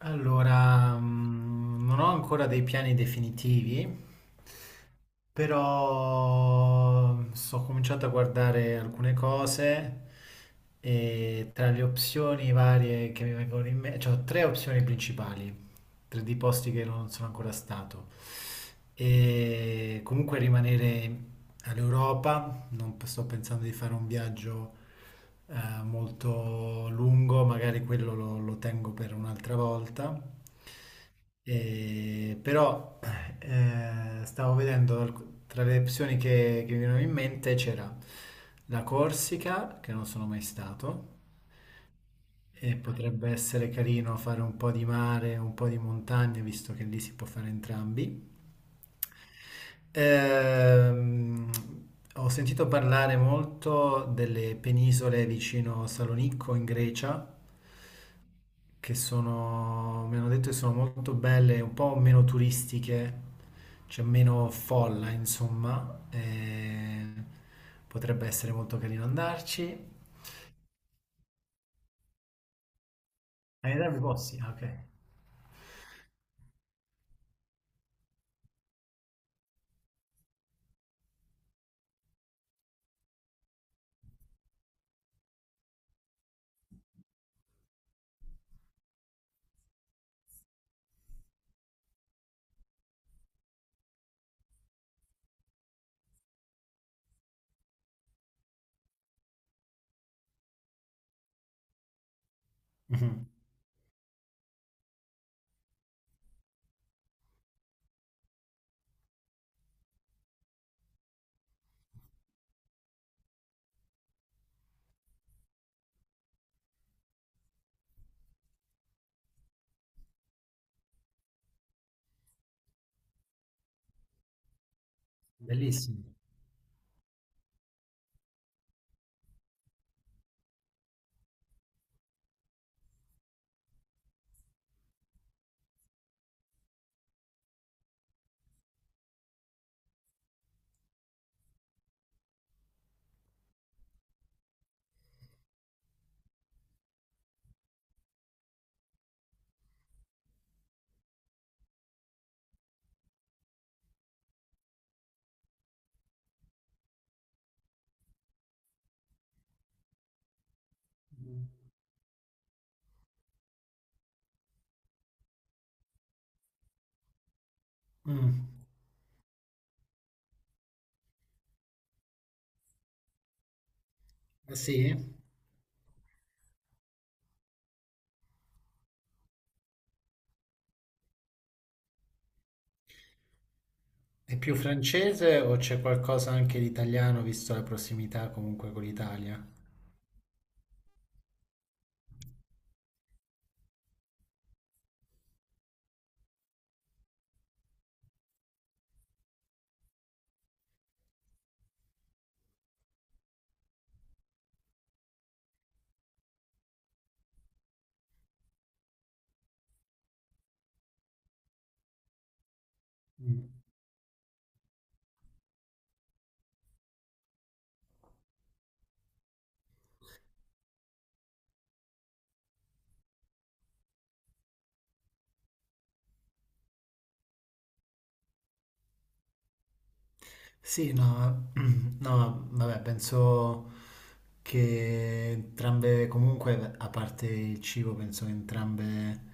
Allora, non ho ancora dei piani definitivi, però sto cominciando a guardare alcune cose e tra le opzioni varie che mi vengono in mente, cioè ho tre opzioni principali, tre di posti che non sono ancora stato. E comunque rimanere all'Europa, non sto pensando di fare un viaggio molto lungo, magari quello lo tengo per un'altra volta. Però stavo vedendo tra le opzioni che mi venivano in mente c'era la Corsica, che non sono mai stato, e potrebbe essere carino fare un po' di mare, un po' di montagna, visto che lì si può fare entrambi. Ehm, Ho sentito parlare molto delle penisole vicino Salonicco in Grecia, che sono, mi hanno detto che sono molto belle, un po' meno turistiche, c'è meno folla, insomma, e potrebbe essere molto carino andarci. Hai idea dei posti? Ah, ok. Mhm. Bellissimo. Mm. Ah, sì? È più francese o c'è qualcosa anche di italiano, visto la prossimità comunque con l'Italia? Mm. Sì, no, no, vabbè, penso che entrambe, comunque, a parte il cibo, penso che entrambe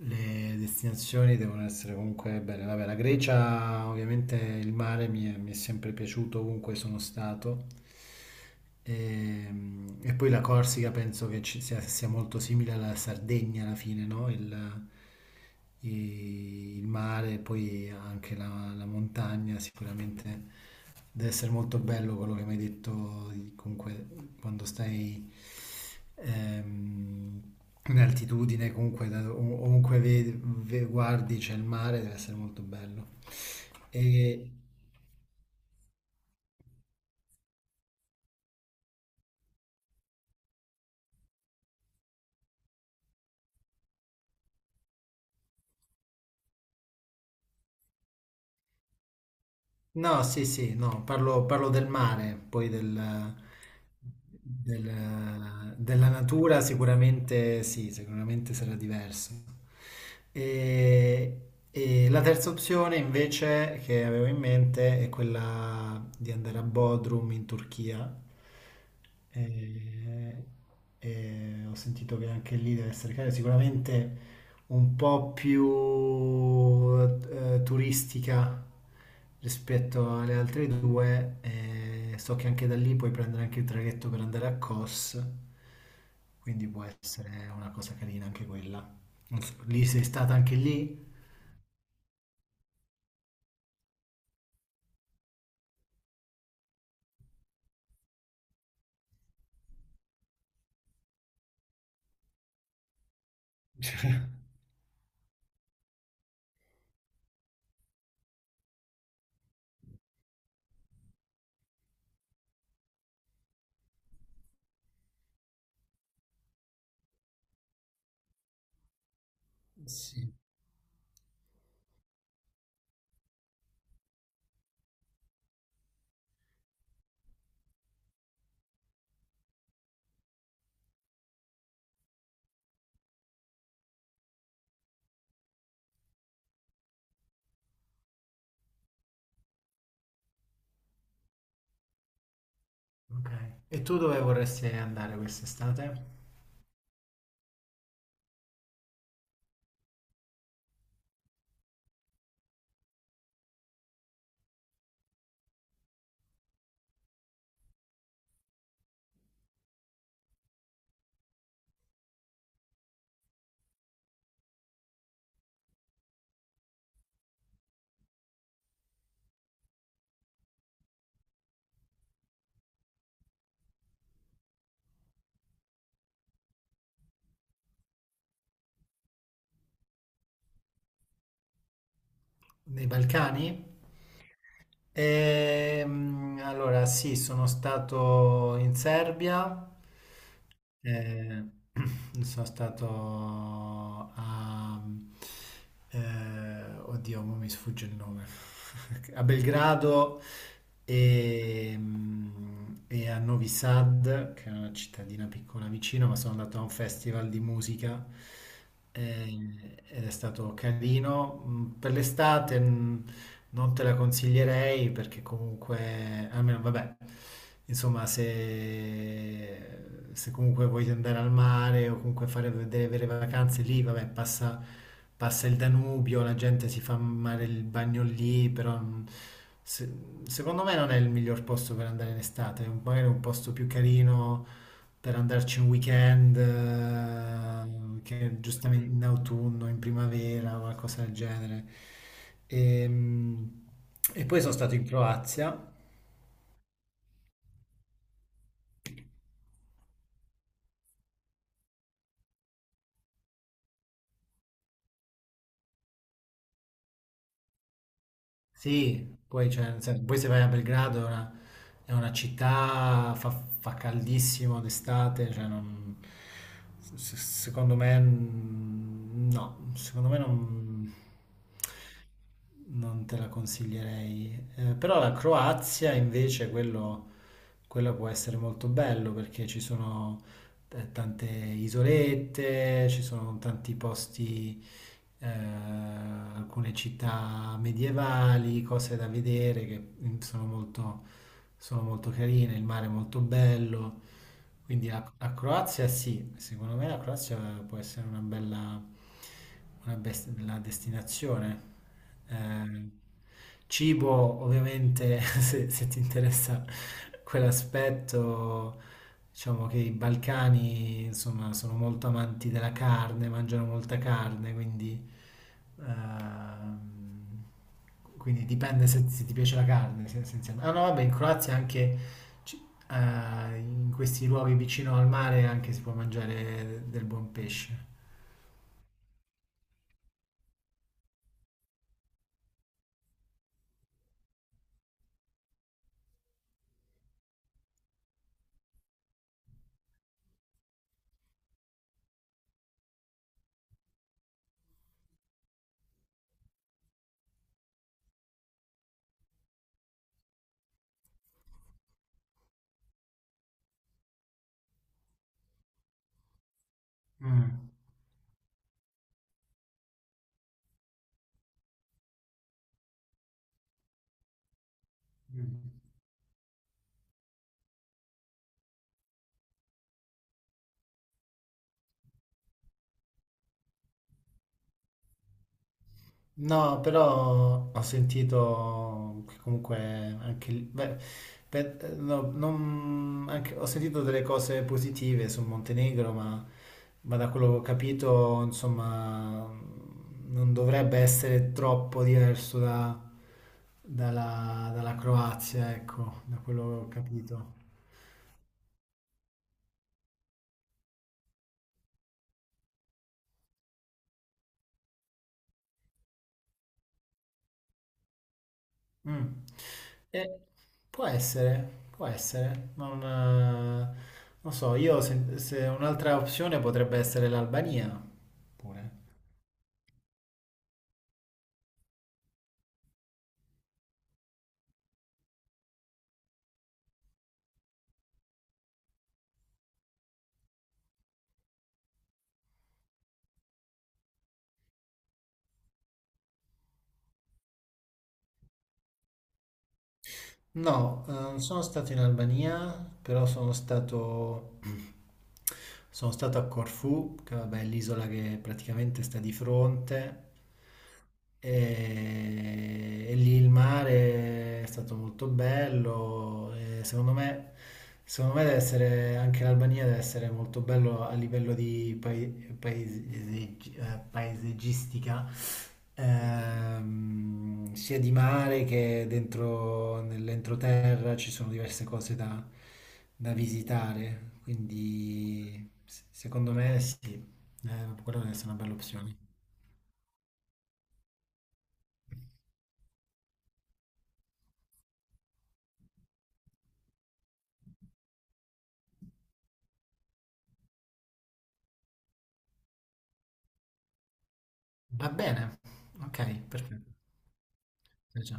le destinazioni devono essere comunque belle. Vabbè, la Grecia, ovviamente, il mare mi è sempre piaciuto ovunque sono stato. Ehm, E poi la Corsica penso che sia molto simile alla Sardegna alla fine, no? Il mare, poi anche la montagna, sicuramente deve essere molto bello quello che mi hai detto, comunque quando stai ehm, in altitudine, comunque ovunque guardi c'è il mare, deve essere molto bello. E, No, sì, sì, no, parlo del mare, della natura sicuramente sì, sicuramente sarà diverso. E, e la terza opzione invece che avevo in mente è quella di andare a Bodrum in Turchia. E, e ho sentito che anche lì deve essere caro, sicuramente un po' più turistica rispetto alle altre due. E so che anche da lì puoi prendere anche il traghetto per andare a Kos, quindi può essere una cosa carina anche quella. Non so, lì sei stata anche lì? Sì. Ok. E tu dove vorresti andare quest'estate? Nei Balcani? Allora, sì, sono stato in Serbia, eh, sono stato a... oddio, mo mi sfugge il nome. A Belgrado e, e a Novi Sad, che è una cittadina piccola vicino, ma sono andato a un festival di musica eh, ed è stato carino. Mm. Per l'estate, non te la consiglierei perché comunque, almeno vabbè, insomma, se comunque vuoi andare al mare o comunque fare delle vere vacanze lì, vabbè, passa il Danubio, la gente si fa mare il bagno lì, però se- secondo me non è il miglior posto per andare in estate, magari un posto più carino, per andarci un weekend, che giustamente in autunno, in primavera, qualcosa del genere. Ehm, E poi sono stato in Croazia. Sì, poi, cioè, nel senso, poi se vai a Belgrado è una città, fa caldissimo d'estate, secondo me no, secondo me non... Non te la consiglierei. Però la Croazia invece, quello può essere molto bello perché ci sono tante isolette, ci sono tanti posti, alcune città medievali, cose da vedere che sono molto carine, il mare è molto bello, quindi la Croazia sì, secondo me la Croazia può essere una bella, bella destinazione. Eh, Cibo, ovviamente, se ti interessa quell'aspetto, diciamo che i Balcani, insomma, sono molto amanti della carne, mangiano molta carne, quindi ehm, quindi dipende se ti piace la carne, essenzialmente. Ah no, vabbè, in Croazia anche ci- in questi luoghi vicino al mare anche si può mangiare del buon pesce. Mm. No, però ho sentito che comunque beh, ho sentito delle cose positive sul Montenegro, ma da quello che ho capito, insomma, non dovrebbe essere troppo diverso dalla, dalla Croazia, ecco, da quello che ho capito. Mm. Eh, può essere, non so, io se, se un'altra opzione potrebbe essere l'Albania, pure. No, non sono stato in Albania, però sono stato a Corfù, che vabbè, è l'isola che praticamente sta di fronte, e lì il mare è stato molto bello, e secondo me deve essere, anche l'Albania deve essere molto bello a livello di paesaggistica. Sia di mare che dentro nell'entroterra ci sono diverse cose da visitare, quindi secondo me sì, quella deve essere una bella opzione. Va bene, ok, perfetto. Eh già.